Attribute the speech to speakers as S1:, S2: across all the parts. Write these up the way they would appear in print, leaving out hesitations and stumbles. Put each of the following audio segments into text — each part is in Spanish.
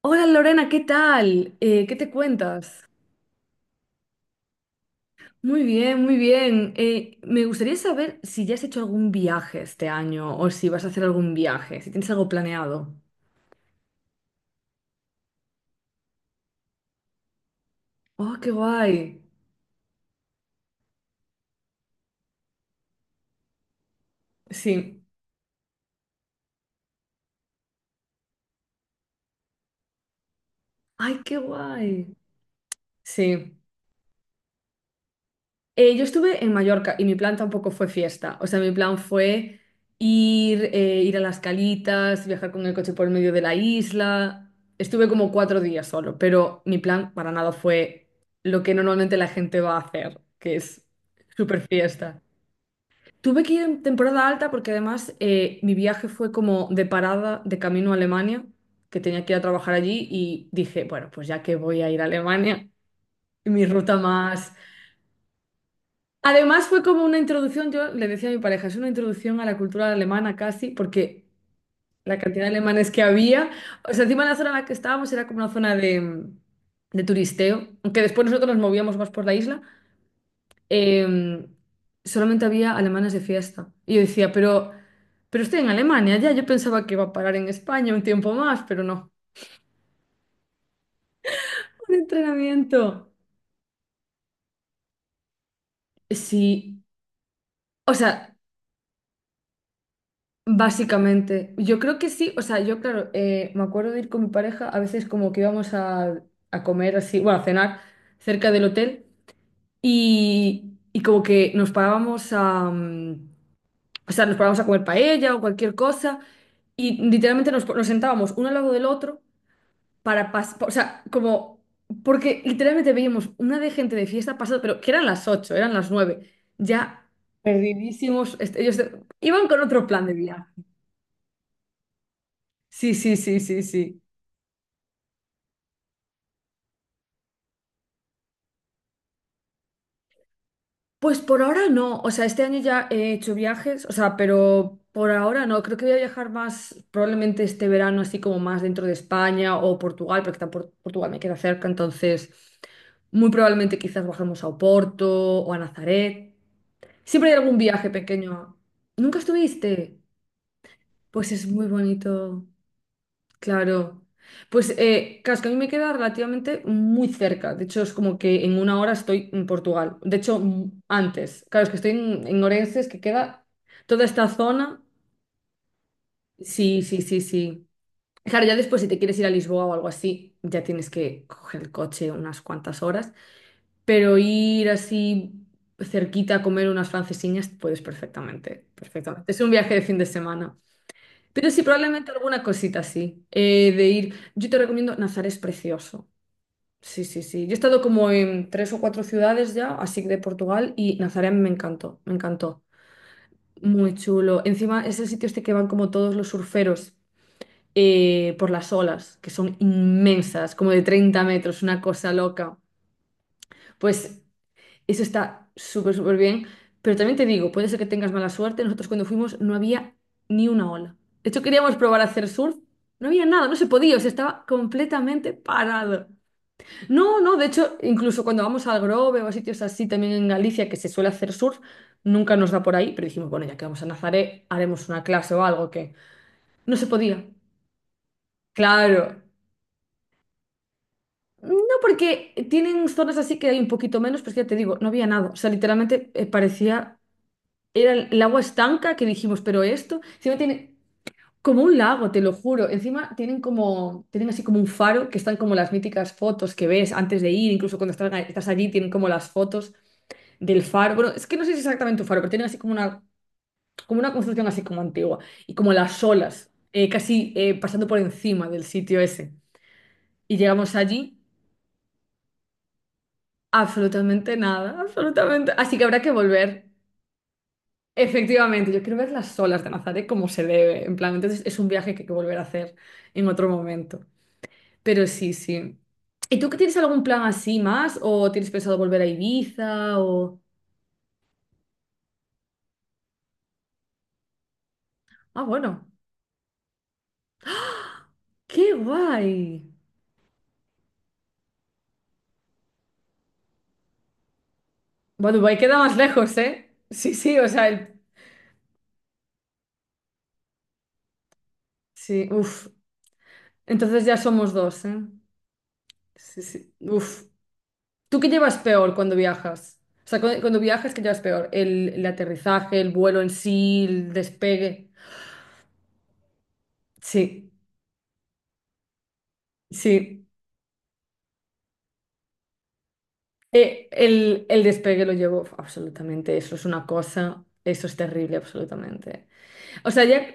S1: Hola Lorena, ¿qué tal? ¿Qué te cuentas? Muy bien, muy bien. Me gustaría saber si ya has hecho algún viaje este año o si vas a hacer algún viaje, si tienes algo planeado. ¡Oh, qué guay! Sí. ¡Ay, qué guay! Sí. Yo estuve en Mallorca y mi plan tampoco fue fiesta. O sea, mi plan fue ir a las calitas, viajar con el coche por el medio de la isla. Estuve como 4 días solo, pero mi plan para nada fue lo que normalmente la gente va a hacer, que es súper fiesta. Tuve que ir en temporada alta porque además mi viaje fue como de parada de camino a Alemania, que tenía que ir a trabajar allí y dije, bueno, pues ya que voy a ir a Alemania, mi ruta más Además fue como una introducción, yo le decía a mi pareja, es una introducción a la cultura alemana casi, porque la cantidad de alemanes que había, o sea, encima la zona en la que estábamos era como una zona de turisteo, aunque después nosotros nos movíamos más por la isla, eh, solamente había alemanes de fiesta. Y yo decía, pero estoy en Alemania ya, yo pensaba que iba a parar en España un tiempo más, pero no. Un entrenamiento. Sí, o sea... Básicamente, yo creo que sí, o sea, yo claro, me acuerdo de ir con mi pareja, a veces como que íbamos a comer así, bueno, a cenar cerca del hotel y como que nos parábamos a o sea, nos parábamos a comer paella o cualquier cosa y literalmente nos sentábamos uno al lado del otro para pasar, o sea, como, porque literalmente veíamos una de gente de fiesta pasada, pero que eran las 8 eran las 9 ya perdidísimos, este, ellos iban con otro plan de viaje. Sí, sí, sí, sí, sí. Pues por ahora no, o sea, este año ya he hecho viajes, o sea, pero por ahora no, creo que voy a viajar más probablemente este verano, así como más dentro de España o Portugal, porque tampoco Portugal me queda cerca, entonces muy probablemente quizás bajemos a Oporto o a Nazaret. Siempre hay algún viaje pequeño. ¿Nunca estuviste? Pues es muy bonito. Claro. Pues claro, es que a mí me queda relativamente muy cerca. De hecho, es como que en 1 hora estoy en Portugal. De hecho, antes. Claro, es que estoy en Orense, es que queda toda esta zona. Sí, sí, sí, sí. Claro, ya después si te quieres ir a Lisboa o algo así, ya tienes que coger el coche unas cuantas horas. Pero ir así cerquita a comer unas francesiñas, puedes perfectamente, perfectamente. Es un viaje de fin de semana. Pero sí, probablemente alguna cosita así. De ir. Yo te recomiendo, Nazar es precioso. Sí, sí, sí. Yo he estado como en tres o cuatro ciudades ya, así de Portugal, y Nazaré a mí me encantó, me encantó. Muy chulo. Encima es el sitio este que van como todos los surferos por las olas, que son inmensas, como de 30 metros, una cosa loca. Pues eso está súper, súper bien. Pero también te digo, puede ser que tengas mala suerte. Nosotros cuando fuimos no había ni una ola. De hecho, queríamos probar a hacer surf. No había nada, no se podía, o sea, estaba completamente parado. No, no, de hecho, incluso cuando vamos al Grove o a sitios así también en Galicia que se suele hacer surf, nunca nos da por ahí, pero dijimos, bueno, ya que vamos a Nazaré, haremos una clase o algo que no se podía. Claro. No, porque tienen zonas así que hay un poquito menos, pero es que ya te digo, no había nada. O sea, literalmente parecía Era el agua estanca que dijimos, pero esto, encima tiene como un lago, te lo juro. Encima tienen como, tienen así como un faro que están como las míticas fotos que ves antes de ir, incluso cuando estás, estás allí tienen como las fotos del faro. Bueno, es que no sé si es exactamente un faro, pero tienen así como una construcción así como antigua y como las olas, casi pasando por encima del sitio ese. Y llegamos allí, absolutamente nada, absolutamente. Así que habrá que volver. Efectivamente, yo quiero ver las olas de Nazaré como se debe, en plan, entonces es un viaje que hay que volver a hacer en otro momento. Pero sí, sí. ¿Y tú qué tienes algún plan así más? ¿O tienes pensado volver a Ibiza? O... Ah, bueno, qué guay. Bueno, Dubái queda más lejos, ¿eh? Sí, sí, o sea, el- sí, uff. Entonces ya somos dos, ¿eh? Sí, sí, uff. ¿Tú qué llevas peor cuando viajas? O sea, cuando viajas, ¿qué llevas peor? El aterrizaje, el vuelo en sí, el despegue. Sí. Sí, el despegue lo llevo absolutamente, eso es una cosa, eso es terrible, absolutamente. O sea, ya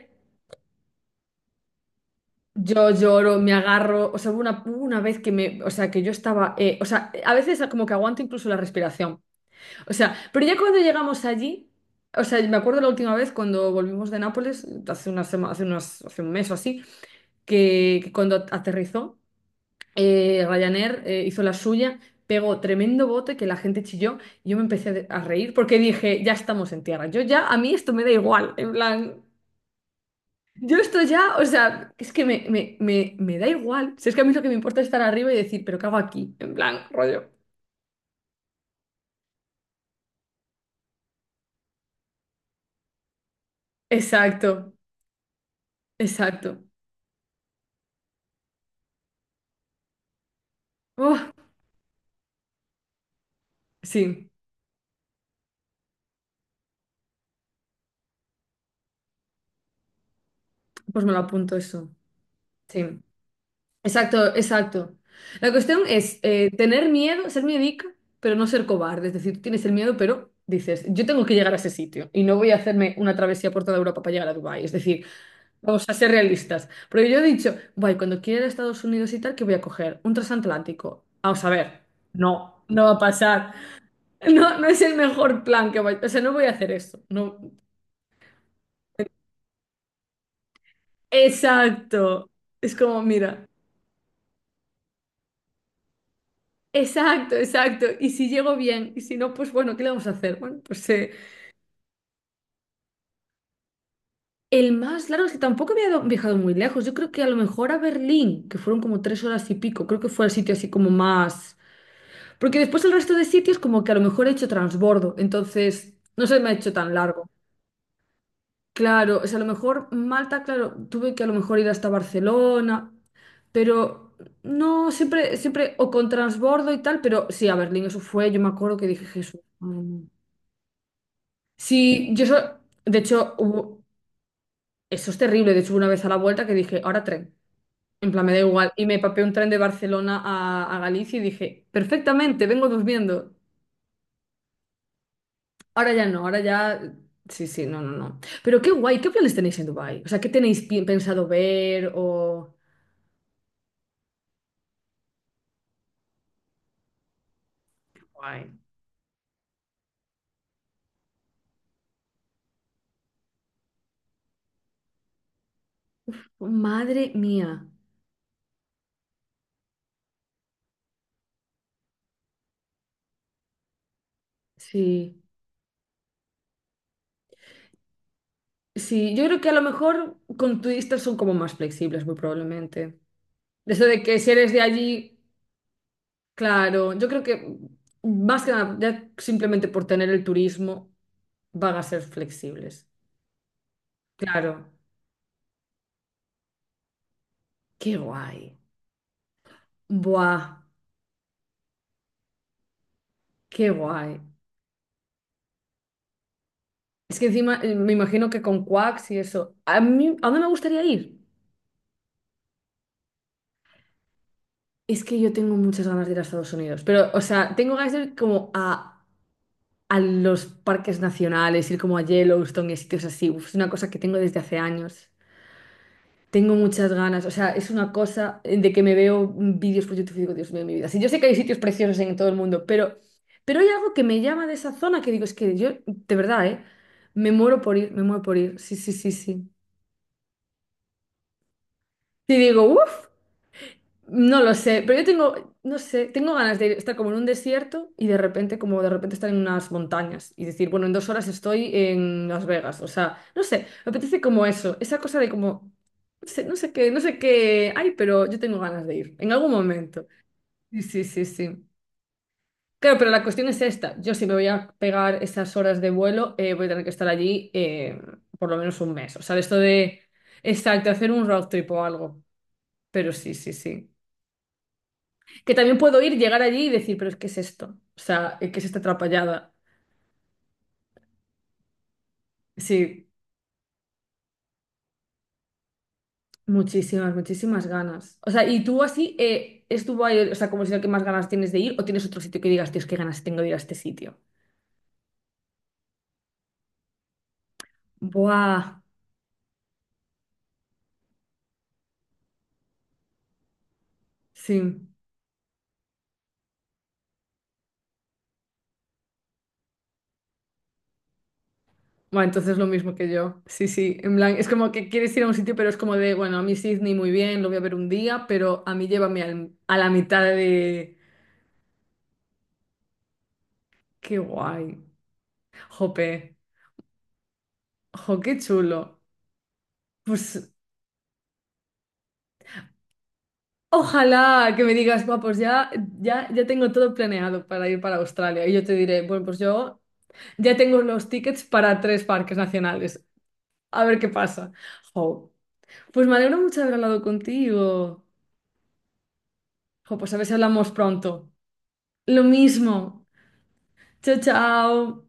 S1: yo lloro, me agarro, o sea, hubo una vez que me, o sea, que yo estaba, o sea, a veces como que aguanto incluso la respiración, o sea, pero ya cuando llegamos allí, o sea, me acuerdo la última vez cuando volvimos de Nápoles, hace una sema- hace unas, hace un mes o así, que cuando aterrizó. Ryanair hizo la suya, pegó tremendo bote que la gente chilló. Yo me empecé a reír porque dije, ya estamos en tierra. Yo ya, a mí esto me da igual. En plan, yo esto ya, o sea, es que me, me da igual. Si es que a mí lo que me importa es estar arriba y decir, pero ¿qué hago aquí? En plan, rollo. Exacto, exacto. Uf, sí, pues me lo apunto eso. Sí. Exacto, exacto. La cuestión es tener miedo, ser miedica, pero no ser cobarde. Es decir, tú tienes el miedo, pero dices, yo tengo que llegar a ese sitio y no voy a hacerme una travesía por toda Europa para llegar a Dubái. Es decir, vamos a ser realistas. Pero yo he dicho, guay, cuando quiera ir a Estados Unidos y tal, que voy a coger un transatlántico. Vamos a ver, no, no va a pasar. No, no es el mejor plan que vaya. O sea, no voy a hacer eso. No. Exacto. Es como, mira. Exacto, exacto. Y si llego bien, y si no, pues bueno, ¿qué le vamos a hacer? Bueno, pues el más largo es que tampoco había viajado muy lejos. Yo creo que a lo mejor a Berlín, que fueron como 3 horas y pico, creo que fue el sitio así como más. Porque después el resto de sitios, como que a lo mejor he hecho transbordo, entonces no se me ha hecho tan largo. Claro, o sea, a lo mejor Malta, claro, tuve que a lo mejor ir hasta Barcelona, pero no, siempre, siempre, o con transbordo y tal, pero sí, a Berlín, eso fue, yo me acuerdo que dije, Jesús. Sí, yo eso, de hecho, hubo- eso es terrible. De hecho, hubo una vez a la vuelta que dije, ahora tren. En plan, me da igual. Y me papé un tren de Barcelona a Galicia y dije, perfectamente, vengo durmiendo. Ahora ya no, ahora ya. Sí, sí, no, no, no. Pero qué guay, ¿qué planes tenéis en Dubái? O sea, ¿qué tenéis pensado ver o...? Guay. Madre mía. Sí, sí. Yo creo que a lo mejor con turistas son como más flexibles, muy probablemente. De eso de que si eres de allí. Claro, yo creo que más que nada, ya simplemente por tener el turismo, van a ser flexibles. Claro, qué guay. Buah, qué guay. Es que encima me imagino que con Quacks y eso. A mí, ¿a dónde me gustaría ir? Es que yo tengo muchas ganas de ir a Estados Unidos, pero, o sea, tengo ganas de ir como a, los parques nacionales, ir como a Yellowstone y sitios así. Uf, es una cosa que tengo desde hace años. Tengo muchas ganas, o sea, es una cosa de que me veo vídeos por YouTube y digo, Dios mío, mi vida. Sí, yo sé que hay sitios preciosos en todo el mundo, pero hay algo que me llama de esa zona que digo, es que yo, de verdad, ¿eh? Me muero por ir, me muero por ir. Sí, sí, sí, sí. Y digo, uff. No lo sé, pero yo tengo, no sé, tengo ganas de estar como en un desierto y de repente, como de repente estar en unas montañas y decir, bueno, en 2 horas estoy en Las Vegas. O sea, no sé, me apetece como eso, esa cosa de como, no sé, no sé qué, no sé qué hay, pero yo tengo ganas de ir en algún momento. Sí, sí, sí, sí. Claro, pero la cuestión es esta. Yo si me voy a pegar esas horas de vuelo, voy a tener que estar allí por lo menos un mes. O sea, esto de, exacto, hacer un road trip o algo. Pero sí, sí, sí. Que también puedo ir, llegar allí y decir, pero ¿es que es esto? O sea, ¿qué es esta atrapallada? Sí, muchísimas, muchísimas ganas. O sea, ¿y tú así es Dubái, el- o sea, como si lo que más ganas tienes de ir o tienes otro sitio que digas, Dios, qué ganas tengo de ir a este sitio? Buah, sí. Bueno, entonces lo mismo que yo. Sí, sí, en plan, es como que quieres ir a un sitio, pero es como de, bueno, a mí Sydney muy bien, lo voy a ver un día, pero a mí llévame al- a la mitad de... Qué guay. Jope. Jo, qué chulo. Pues ojalá que me digas, guau, pues ya tengo todo planeado para ir para Australia. Y yo te diré, bueno, pues yo ya tengo los tickets para tres parques nacionales. A ver qué pasa. Jo, pues me alegro mucho de haber hablado contigo. Jo, pues a ver si hablamos pronto. Lo mismo. Chao, chao.